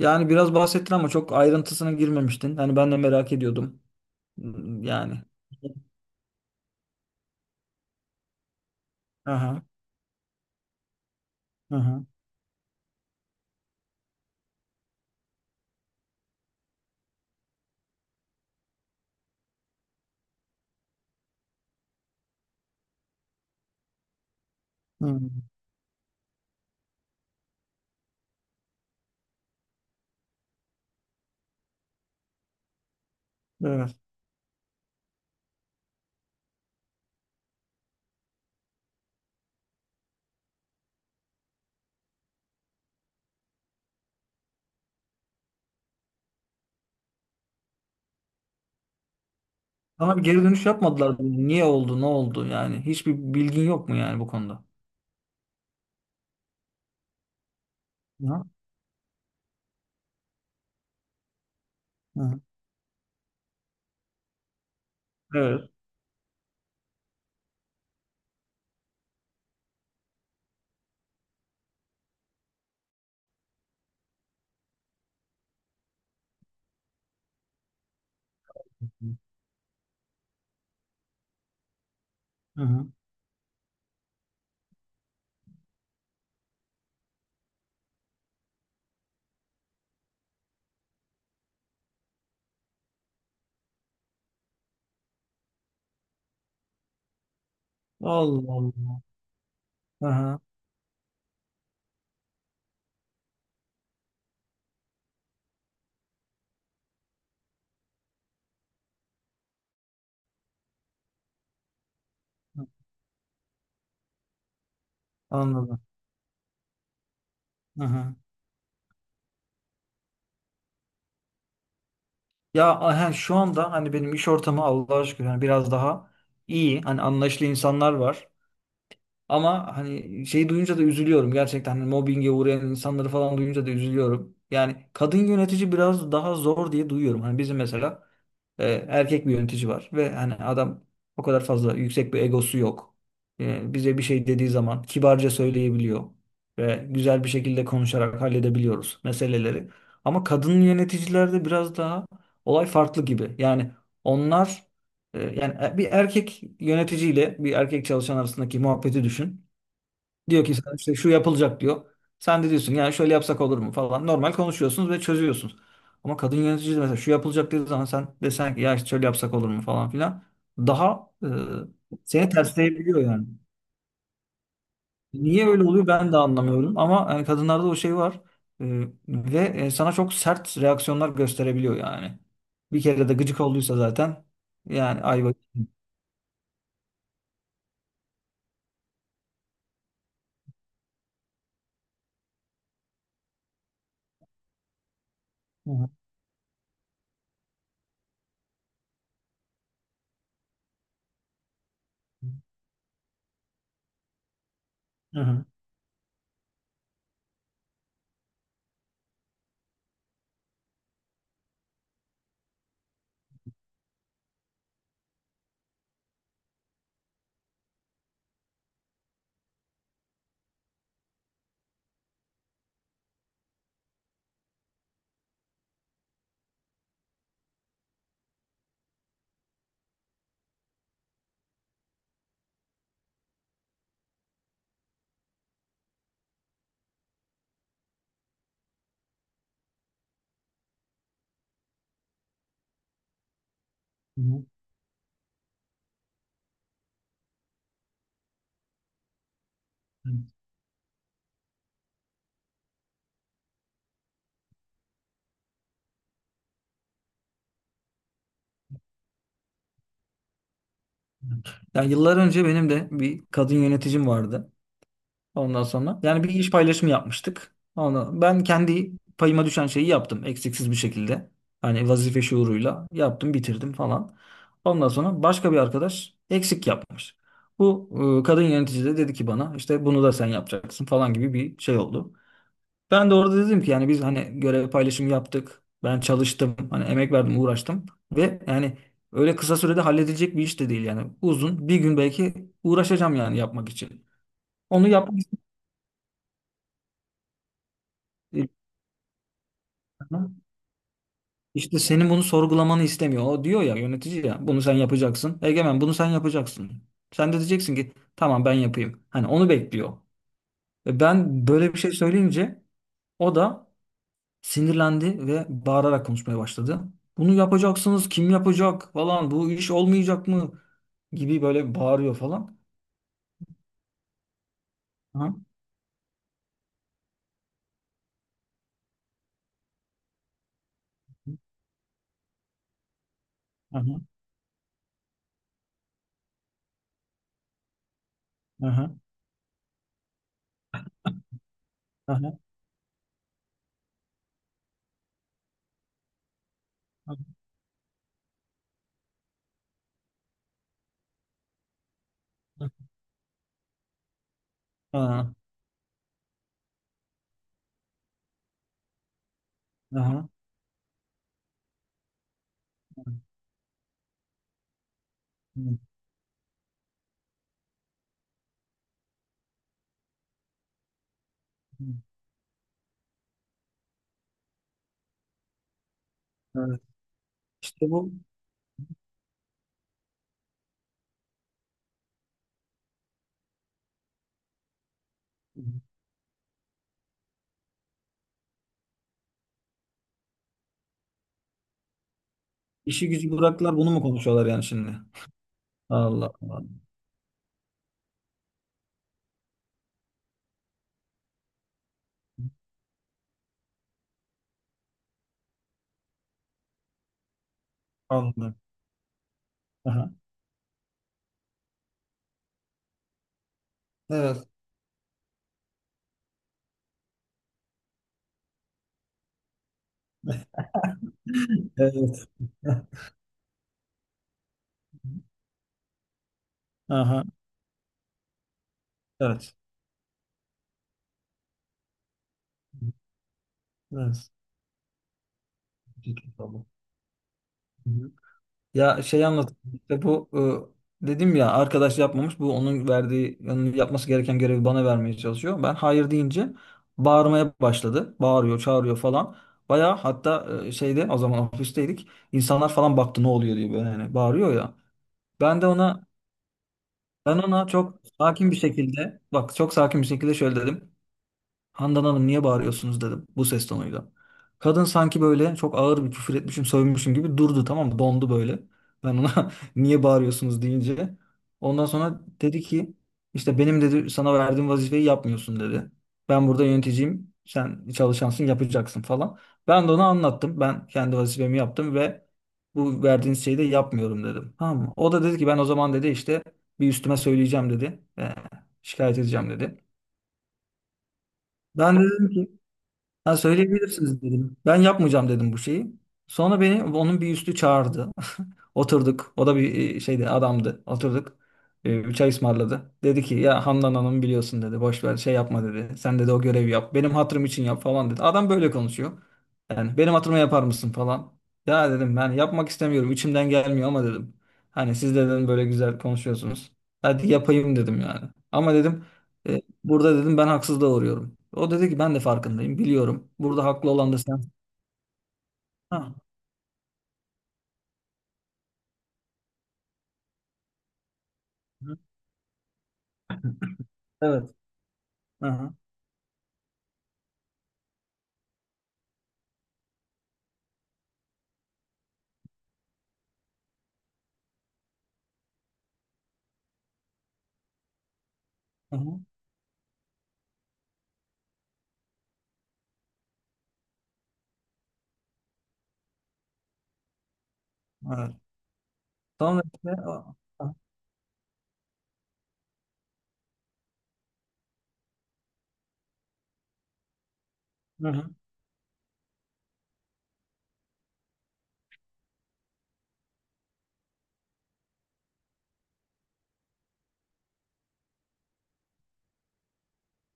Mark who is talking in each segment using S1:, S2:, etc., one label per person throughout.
S1: Yani biraz bahsettin ama çok ayrıntısına girmemiştin. Hani ben de merak ediyordum. Hmm, yani. Aha, aha. Hmm, evet. Sana bir geri dönüş yapmadılar mı? Niye oldu, ne oldu yani? Hiçbir bilgin yok mu yani bu konuda? Aha, aha. Evet. Aha. Allah Allah. Aha. Anladım. Aha. Ya aha, şu anda hani benim iş ortamı Allah'a şükür hani biraz daha iyi. Hani anlayışlı insanlar var. Ama hani şeyi duyunca da üzülüyorum. Gerçekten hani mobbinge uğrayan insanları falan duyunca da üzülüyorum. Yani kadın yönetici biraz daha zor diye duyuyorum. Hani bizim mesela erkek bir yönetici var ve hani adam o kadar fazla yüksek bir egosu yok. Bize bir şey dediği zaman kibarca söyleyebiliyor ve güzel bir şekilde konuşarak halledebiliyoruz meseleleri. Ama kadın yöneticilerde biraz daha olay farklı gibi. Yani onlar yani bir erkek yöneticiyle bir erkek çalışan arasındaki muhabbeti düşün. Diyor ki sana işte şu yapılacak diyor. Sen de diyorsun yani şöyle yapsak olur mu falan. Normal konuşuyorsunuz ve çözüyorsunuz. Ama kadın yönetici de mesela şu yapılacak dediği zaman sen desen ki ya işte şöyle yapsak olur mu falan filan. Daha seni tersleyebiliyor yani. Niye öyle oluyor ben de anlamıyorum. Ama yani kadınlarda o şey var. E, ve sana çok sert reaksiyonlar gösterebiliyor yani. Bir kere de gıcık olduysa zaten yani ay bakayım. Hı hı. Hı hı. Hı hı. Yani yıllar önce benim de bir kadın yöneticim vardı. Ondan sonra yani bir iş paylaşımı yapmıştık. Onu ben kendi payıma düşen şeyi yaptım eksiksiz bir şekilde. Hani vazife şuuruyla yaptım, bitirdim falan. Ondan sonra başka bir arkadaş eksik yapmış. Bu kadın yönetici de dedi ki bana işte bunu da sen yapacaksın falan gibi bir şey oldu. Ben de orada dedim ki yani biz hani görev paylaşımı yaptık. Ben çalıştım, hani emek verdim, uğraştım ve yani öyle kısa sürede halledilecek bir iş de değil yani. Uzun bir gün belki uğraşacağım yani yapmak için. Onu yapmak istedim. İşte senin bunu sorgulamanı istemiyor. O diyor ya yönetici ya bunu sen yapacaksın. Egemen bunu sen yapacaksın. Sen de diyeceksin ki tamam ben yapayım. Hani onu bekliyor. Ve ben böyle bir şey söyleyince o da sinirlendi ve bağırarak konuşmaya başladı. Bunu yapacaksınız kim yapacak falan bu iş olmayacak mı gibi böyle bağırıyor falan. Aha, aha, aha, aha, aha, aha. Evet. İşte bu işi gücü bıraktılar bunu mu konuşuyorlar yani şimdi? Allah Allah. Anladım. Aha. Evet. Evet. Aha. Evet. Evet. Ciddi tamam. Hı hı. Ya şey anlat. İşte bu dedim ya arkadaş yapmamış. Bu onun verdiği onun yapması gereken görevi bana vermeye çalışıyor. Ben hayır deyince bağırmaya başladı. Bağırıyor, çağırıyor falan. Bayağı hatta şeyde o zaman ofisteydik. İnsanlar falan baktı ne oluyor diye böyle hani bağırıyor ya. Ben de ona ben ona çok sakin bir şekilde bak çok sakin bir şekilde şöyle dedim. Handan Hanım niye bağırıyorsunuz dedim bu ses tonuyla. Kadın sanki böyle çok ağır bir küfür etmişim, sövmüşüm gibi durdu tamam mı? Dondu böyle. Ben ona niye bağırıyorsunuz deyince. Ondan sonra dedi ki işte benim dedi sana verdiğim vazifeyi yapmıyorsun dedi. Ben burada yöneticiyim, sen çalışansın, yapacaksın falan. Ben de ona anlattım. Ben kendi vazifemi yaptım ve bu verdiğiniz şeyi de yapmıyorum dedim. Tamam mı? O da dedi ki ben o zaman dedi işte bir üstüme söyleyeceğim dedi. Şikayet edeceğim dedi. Ben de dedim ki ha, söyleyebilirsiniz dedim. Ben yapmayacağım dedim bu şeyi. Sonra beni onun bir üstü çağırdı. Oturduk. O da bir şeydi adamdı. Oturduk. E, bir çay ısmarladı. Dedi ki ya Handan Hanım biliyorsun dedi. Boş ver şey yapma dedi. Sen dedi o görevi yap. Benim hatırım için yap falan dedi. Adam böyle konuşuyor. Yani benim hatırıma yapar mısın falan. Ya dedim ben yapmak istemiyorum. İçimden gelmiyor ama dedim. Hani siz dedim böyle güzel konuşuyorsunuz. Hadi yapayım dedim yani. Ama dedim burada dedim ben haksızlığa uğruyorum. O dedi ki ben de farkındayım. Biliyorum. Burada haklı olan da sen. Ha. Evet. Aha. Aha. Evet. Sonra işte o- hı hı,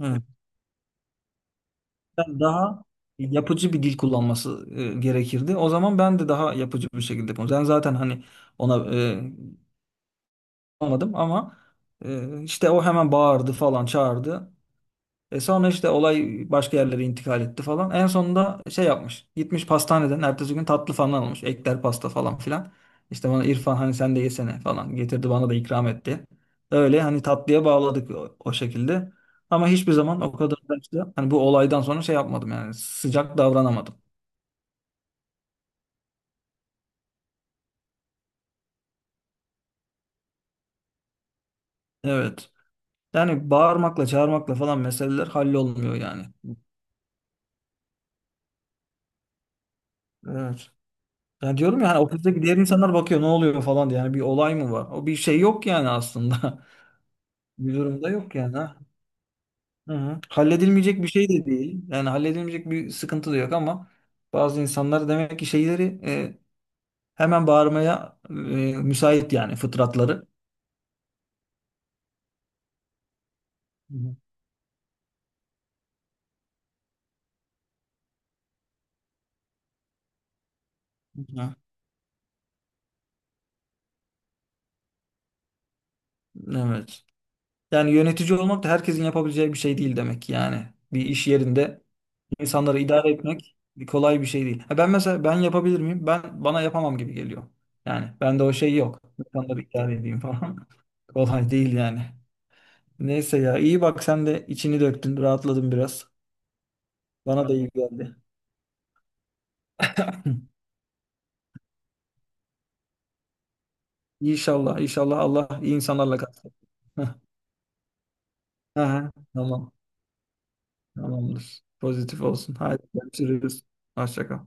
S1: hı. Ben daha yapıcı bir dil kullanması gerekirdi. O zaman ben de daha yapıcı bir şekilde konuştum. Ben zaten hani ona olmadım ama işte o hemen bağırdı falan çağırdı. E sonra işte olay başka yerlere intikal etti falan. En sonunda şey yapmış. Gitmiş pastaneden ertesi gün tatlı falan almış. Ekler pasta falan filan. İşte bana İrfan hani sen de yesene falan getirdi bana da ikram etti. Öyle hani tatlıya bağladık o, o şekilde. Ama hiçbir zaman o kadar da işte hani bu olaydan sonra şey yapmadım yani sıcak davranamadım. Evet. Yani bağırmakla çağırmakla falan meseleler hallolmuyor yani. Evet. Yani diyorum ya hani ofisteki diğer insanlar bakıyor ne oluyor falan diye. Yani bir olay mı var? O bir şey yok yani aslında. Bir durumda yok yani. Ha. Hı hı. Halledilmeyecek bir şey de değil. Yani halledilmeyecek bir sıkıntı da yok ama bazı insanlar demek ki şeyleri hemen bağırmaya müsait yani fıtratları. Hı hı. Hı hı. Evet. Yani yönetici olmak da herkesin yapabileceği bir şey değil demek ki yani. Bir iş yerinde insanları idare etmek kolay bir şey değil. Ha ben mesela ben yapabilir miyim? Ben bana yapamam gibi geliyor. Yani bende o şey yok. İnsanları idare edeyim falan. Kolay değil yani. Neyse ya iyi bak sen de içini döktün, rahatladın biraz. Bana da iyi geldi. İnşallah, inşallah Allah iyi insanlarla katsın. Aha, tamam, tamamdır. Pozitif olsun. Hadi görüşürüz. Hoşça kal.